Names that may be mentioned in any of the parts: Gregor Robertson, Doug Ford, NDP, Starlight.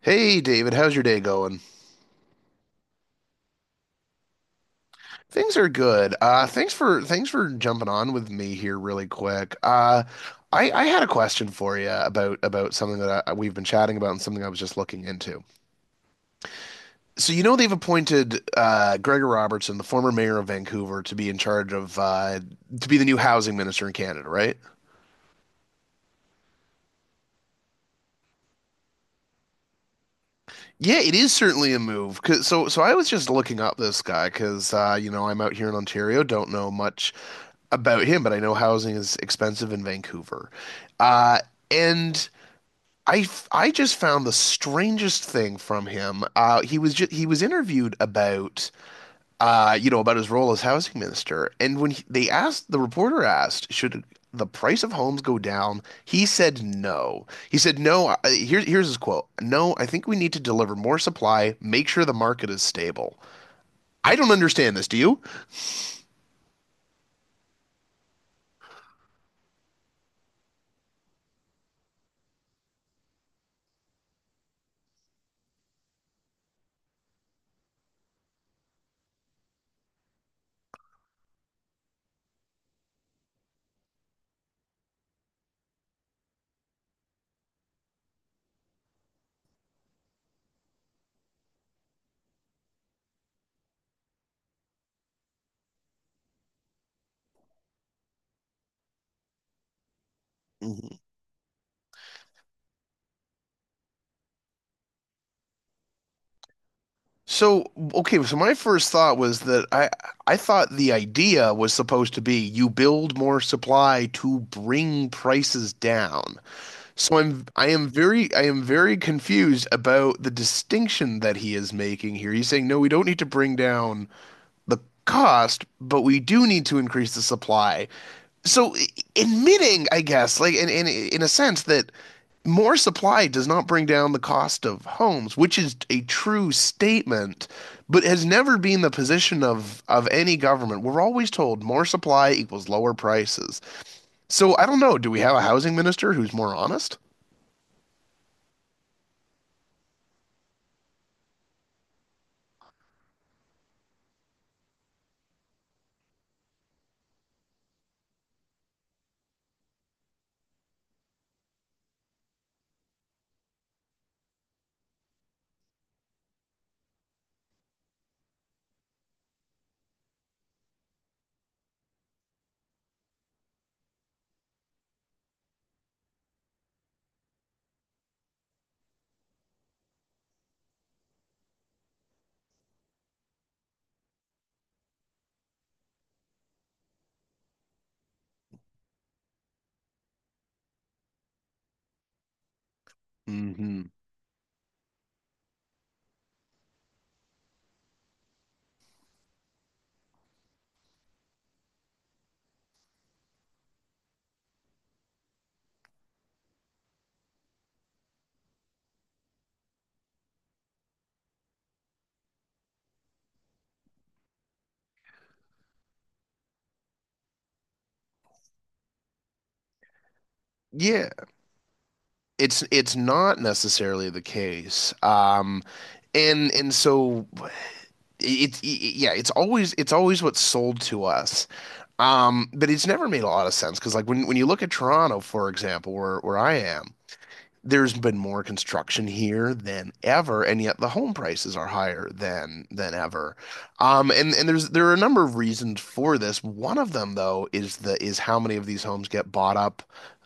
Hey David, how's your day going? Things are good. Thanks for jumping on with me here really quick. I had a question for you about something that we've been chatting about, and something I was just looking into. So you know they've appointed Gregor Robertson, the former mayor of Vancouver, to be in charge of to be the new housing minister in Canada, right? Yeah, it is certainly a move. So I was just looking up this guy because you know I'm out here in Ontario, don't know much about him, but I know housing is expensive in Vancouver. Uh, and I just found the strangest thing from him. He was interviewed about you know about his role as housing minister, and when he, they asked the reporter asked, should the price of homes go down? He said no. He said no. Here, here's his quote: "No, I think we need to deliver more supply, make sure the market is stable." I don't understand this. Do you? So okay, so my first thought was that I thought the idea was supposed to be you build more supply to bring prices down. So I am very I am very confused about the distinction that he is making here. He's saying, no, we don't need to bring down the cost, but we do need to increase the supply. So i- Admitting, I guess, like in in a sense that more supply does not bring down the cost of homes, which is a true statement, but has never been the position of any government. We're always told more supply equals lower prices. So I don't know, do we have a housing minister who's more honest? hmm Yeah, it's not necessarily the case. And so yeah, it's always what's sold to us, but it's never made a lot of sense because like when you look at Toronto, for example, where I am, there's been more construction here than ever, and yet the home prices are higher than ever. And there are a number of reasons for this. One of them, though, is the is how many of these homes get bought up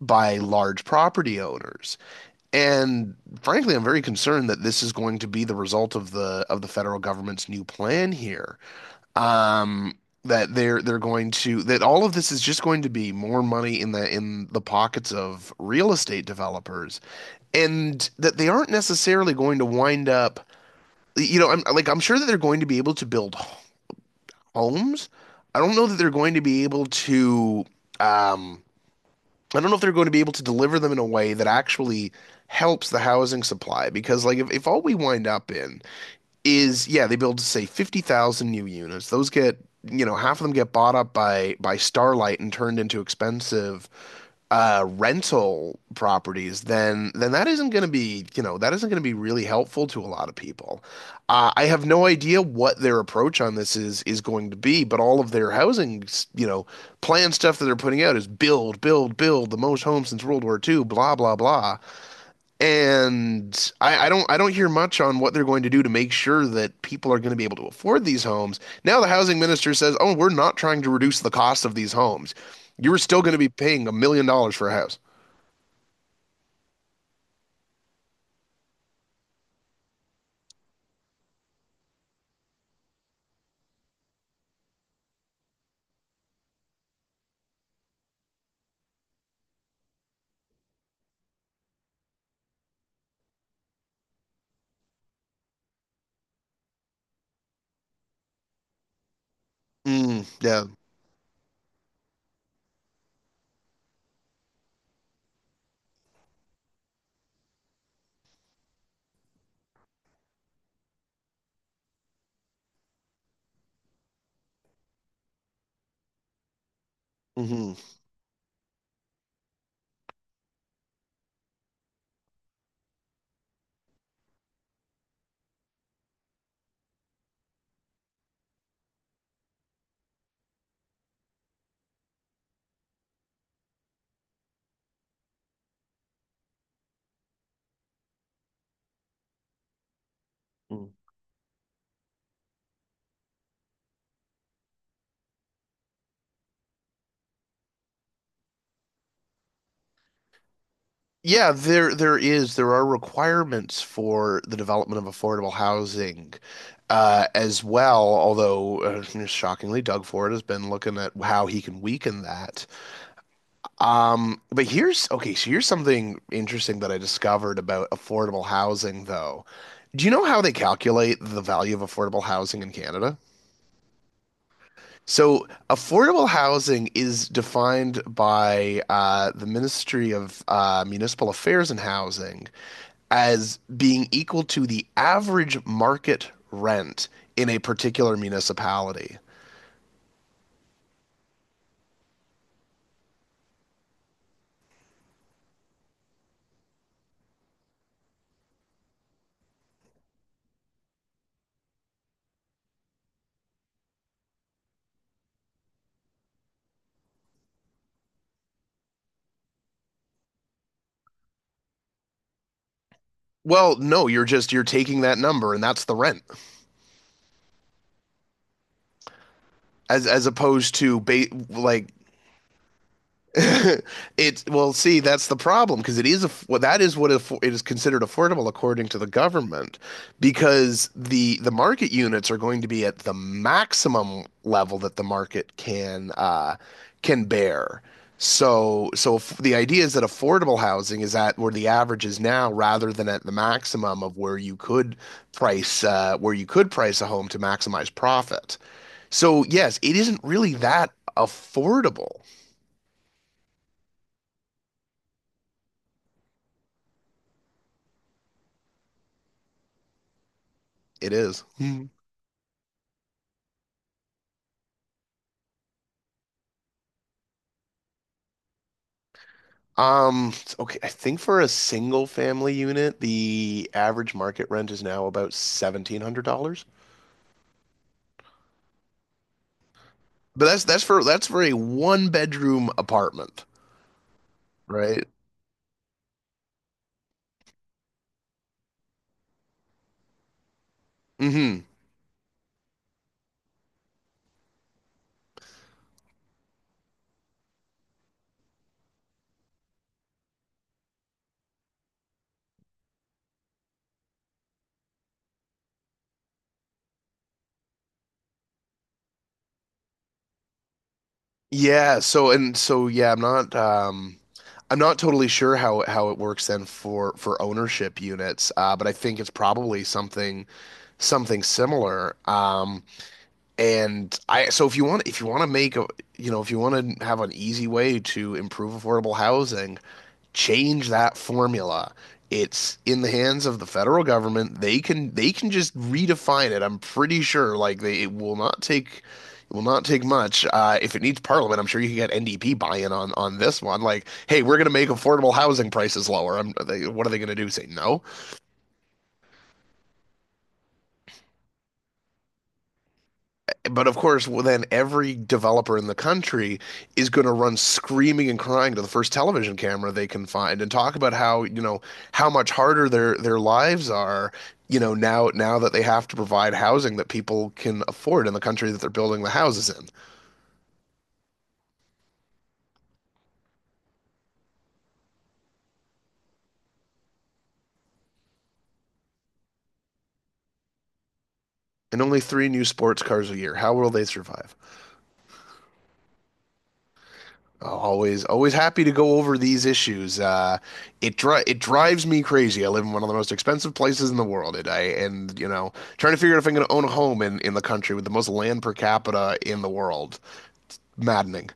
by large property owners. And frankly, I'm very concerned that this is going to be the result of the federal government's new plan here, um that they're going to, that all of this is just going to be more money in the pockets of real estate developers, and that they aren't necessarily going to wind up, you know, I'm sure that they're going to be able to build homes. I don't know that they're going to be able to, um I don't know if they're going to be able to deliver them in a way that actually helps the housing supply, because like if all we wind up in is, yeah, they build say 50,000 new units. Those get, you know, half of them get bought up by Starlight and turned into expensive rental properties. Then that isn't going to be, you know, that isn't going to be really helpful to a lot of people. I have no idea what their approach on this is going to be, but all of their housing, you know, plan stuff that they're putting out is build, build, build the most homes since World War Two. Blah blah blah. And I don't hear much on what they're going to do to make sure that people are going to be able to afford these homes. Now the housing minister says, "Oh, we're not trying to reduce the cost of these homes. You're still going to be paying $1,000,000 for a house." Mm, yeah. hmm Yeah, there is there are requirements for the development of affordable housing, as well, although shockingly, Doug Ford has been looking at how he can weaken that. But here's Okay, so here's something interesting that I discovered about affordable housing, though. Do you know how they calculate the value of affordable housing in Canada? So, affordable housing is defined by the Ministry of Municipal Affairs and Housing as being equal to the average market rent in a particular municipality. Well, no, you're just you're taking that number, and that's the rent, as opposed to ba like It's, well, see, that's the problem, because it is a, well, that is what it is considered affordable according to the government, because the market units are going to be at the maximum level that the market can bear. So, so if the idea is that affordable housing is at where the average is now, rather than at the maximum of where you could price a home to maximize profit. So, yes, it isn't really that affordable. It is. Um, okay, I think for a single family unit, the average market rent is now about $1,700. But that's for a one bedroom apartment, right? Mm-hmm. Yeah, so and so yeah, I'm not totally sure how it works then for ownership units, but I think it's probably something similar. And so if you want to make a, you know, if you want to have an easy way to improve affordable housing, change that formula. It's in the hands of the federal government. They can just redefine it. I'm pretty sure like they it will not take, it will not take much. If it needs parliament, I'm sure you can get NDP buy-in on this one. Like, hey, we're going to make affordable housing prices lower. What are they going to do? Say no? But of course, well, then every developer in the country is going to run screaming and crying to the first television camera they can find, and talk about how, you know, how much harder their lives are, you know, now that they have to provide housing that people can afford in the country that they're building the houses in. And only three new sports cars a year. How will they survive? Always, always happy to go over these issues. It drives me crazy. I live in one of the most expensive places in the world, and I, and you know, trying to figure out if I'm going to own a home in the country with the most land per capita in the world. Maddening.